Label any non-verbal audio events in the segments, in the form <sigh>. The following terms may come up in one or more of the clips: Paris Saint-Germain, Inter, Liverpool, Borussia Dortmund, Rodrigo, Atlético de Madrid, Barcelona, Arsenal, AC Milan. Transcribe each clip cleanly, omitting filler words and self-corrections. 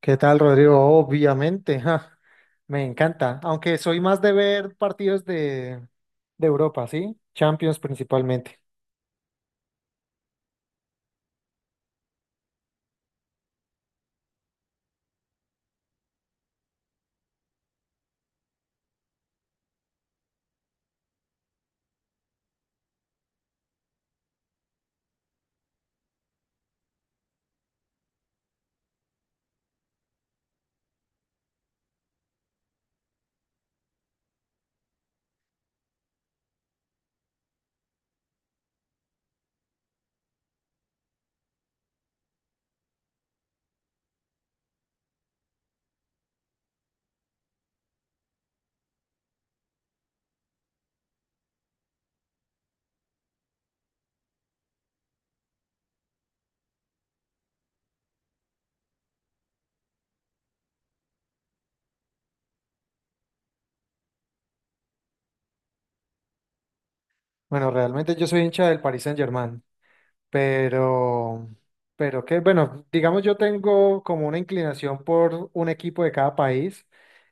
¿Qué tal, Rodrigo? Obviamente, <laughs> ja, me encanta, aunque soy más de ver partidos de Europa, ¿sí? Champions principalmente. Bueno, realmente yo soy hincha del Paris Saint-Germain. Pero, bueno, digamos yo tengo como una inclinación por un equipo de cada país,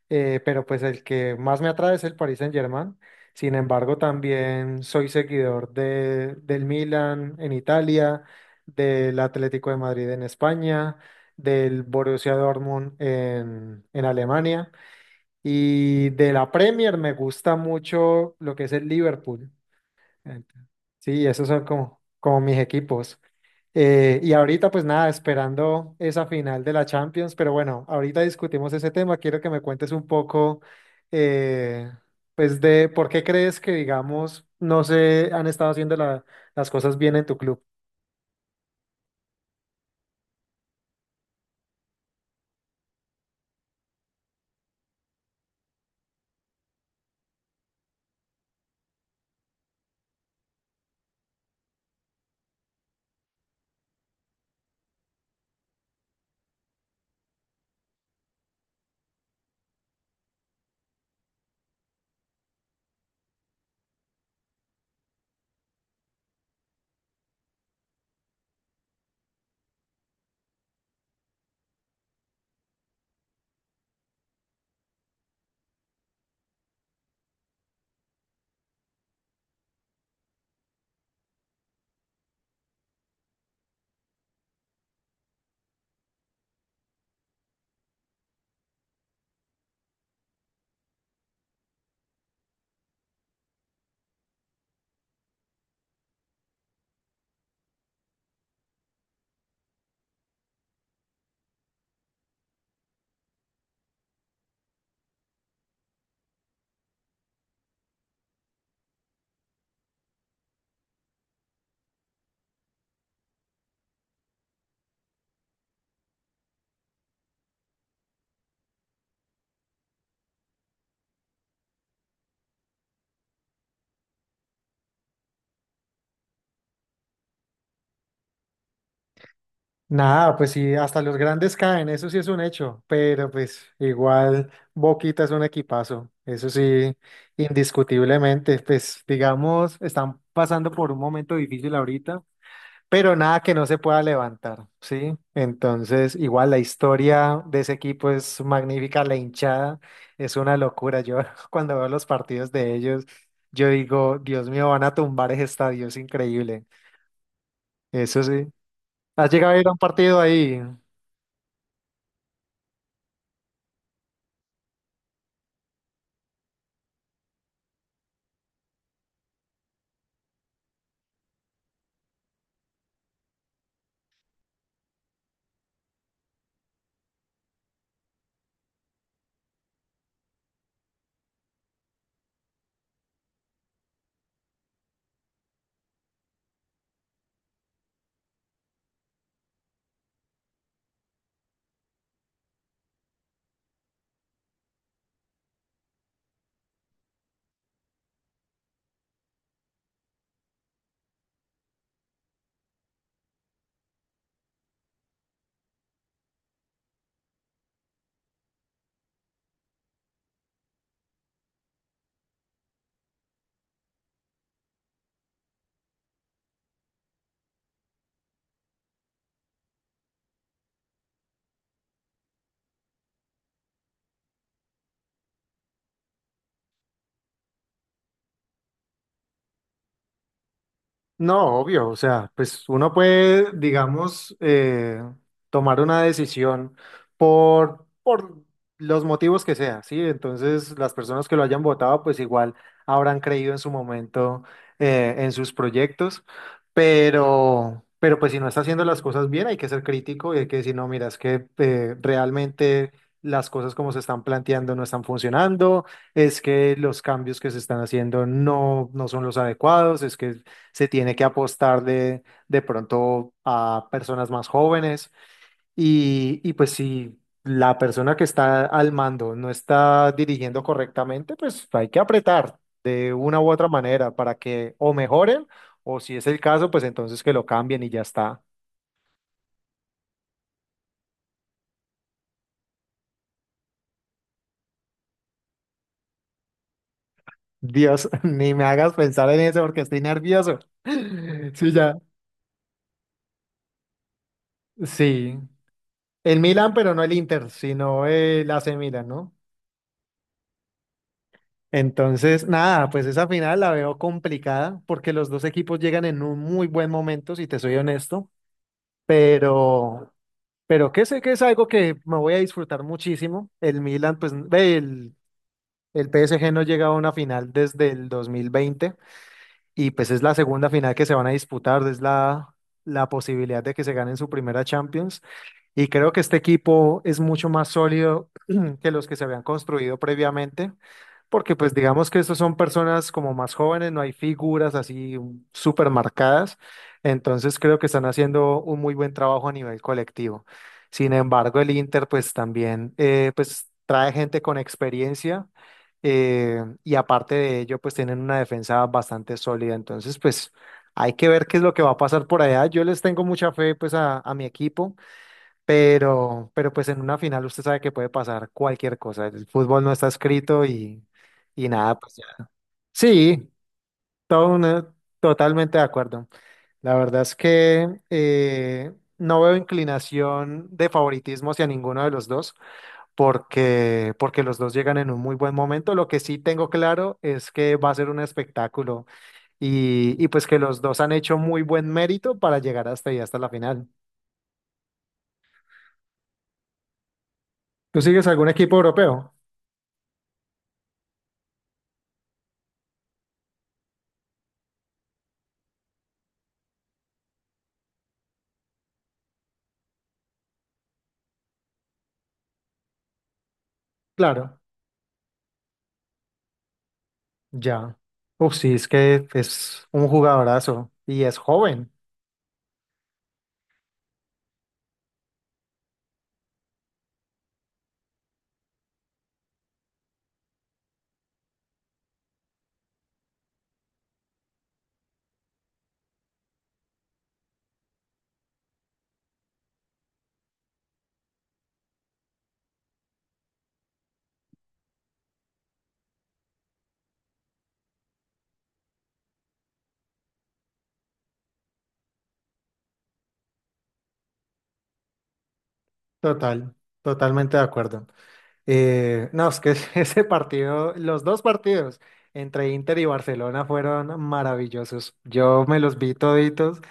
pero pues el que más me atrae es el Paris Saint-Germain. Sin embargo, también soy seguidor del Milan en Italia, del Atlético de Madrid en España, del Borussia Dortmund en Alemania y de la Premier me gusta mucho lo que es el Liverpool. Ent- Sí, esos son como mis equipos. Y ahorita, pues nada, esperando esa final de la Champions, pero bueno, ahorita discutimos ese tema. Quiero que me cuentes un poco, eh, pues, de por qué crees que, digamos, no se han estado haciendo las cosas bien en tu club. Nada, pues sí, hasta los grandes caen, eso sí es un hecho, pero pues igual Boquita es un equipazo, eso sí, indiscutiblemente, pues digamos, están pasando por un momento difícil ahorita, pero nada que no se pueda levantar, ¿sí? Entonces, igual la historia de ese equipo es magnífica, la hinchada es una locura, yo <laughs> cuando veo los partidos de ellos, yo digo, Dios mío, van a tumbar ese estadio, es increíble, eso sí. ¿Has llegado a ir a un partido ahí? No, obvio, o sea, pues uno puede, digamos, tomar una decisión por los motivos que sea, ¿sí? Entonces, las personas que lo hayan votado, pues igual habrán creído en su momento en sus proyectos, pero pues si no está haciendo las cosas bien, hay que ser crítico y hay que decir, no, mira, es que realmente las cosas como se están planteando no están funcionando, es que los cambios que se están haciendo no son los adecuados, es que se tiene que apostar de pronto a personas más jóvenes y pues si la persona que está al mando no está dirigiendo correctamente, pues hay que apretar de una u otra manera para que o mejoren o si es el caso, pues entonces que lo cambien y ya está. Dios, <laughs> ni me hagas pensar en eso porque estoy nervioso. <laughs> Sí, ya. Sí. El Milan, pero no el Inter, sino el AC Milan, ¿no? Entonces, nada, pues esa final la veo complicada porque los dos equipos llegan en un muy buen momento, si te soy honesto, pero, pero que sé que es algo que me voy a disfrutar muchísimo. El Milan, pues, ve, el PSG no llega a una final desde el 2020 y pues es la segunda final que se van a disputar, es la posibilidad de que se ganen su primera Champions. Y creo que este equipo es mucho más sólido <clears throat> que los que se habían construido previamente, porque pues digamos que estos son personas como más jóvenes, no hay figuras así súper marcadas, entonces creo que están haciendo un muy buen trabajo a nivel colectivo. Sin embargo, el Inter pues también pues trae gente con experiencia y aparte de ello pues tienen una defensa bastante sólida, entonces pues hay que ver qué es lo que va a pasar por allá. Yo les tengo mucha fe pues a mi equipo pero pues en una final usted sabe que puede pasar cualquier cosa. El fútbol no está escrito y nada, pues ya. Sí, todo una- totalmente de acuerdo. La verdad es que no veo inclinación de favoritismo hacia ninguno de los dos, porque los dos llegan en un muy buen momento. Lo que sí tengo claro es que va a ser un espectáculo y pues que los dos han hecho muy buen mérito para llegar hasta ahí, hasta la final. ¿Tú sigues algún equipo europeo? Claro. Ya. Uf, sí, es que es un jugadorazo y es joven. Total, totalmente de acuerdo. No, es que <laughs> ese partido, los dos partidos entre Inter y Barcelona fueron maravillosos. Yo me los vi toditos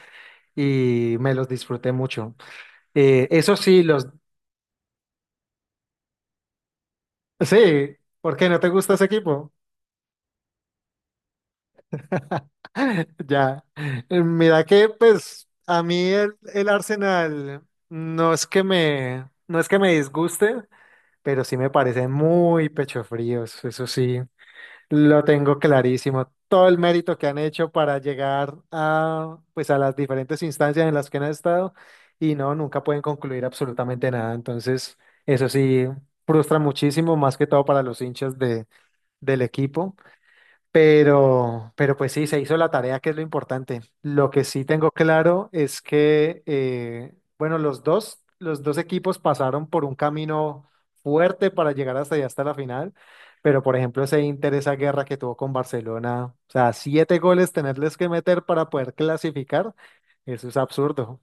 y me los disfruté mucho. Eso sí, los... Sí, ¿por qué no te gusta ese equipo? <laughs> Ya. Mira que pues a mí el Arsenal no es que me, no es que me disguste, pero sí me parecen muy pecho fríos, eso sí, lo tengo clarísimo. Todo el mérito que han hecho para llegar a, pues, a las diferentes instancias en las que han estado y no, nunca pueden concluir absolutamente nada. Entonces, eso sí, frustra muchísimo, más que todo para los hinchas del equipo. Pero pues sí, se hizo la tarea, que es lo importante. Lo que sí tengo claro es que, bueno, los dos equipos pasaron por un camino fuerte para llegar hasta allá, hasta la final. Pero, por ejemplo, ese Inter, esa guerra que tuvo con Barcelona, o sea, 7 goles tenerles que meter para poder clasificar, eso es absurdo.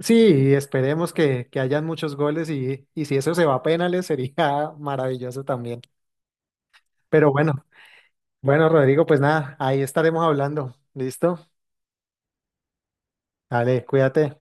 Sí, esperemos que hayan muchos goles y si eso se va a penales <laughs> sería maravilloso también. Pero bueno. Bueno, Rodrigo, pues nada, ahí estaremos hablando. ¿Listo? Dale, cuídate.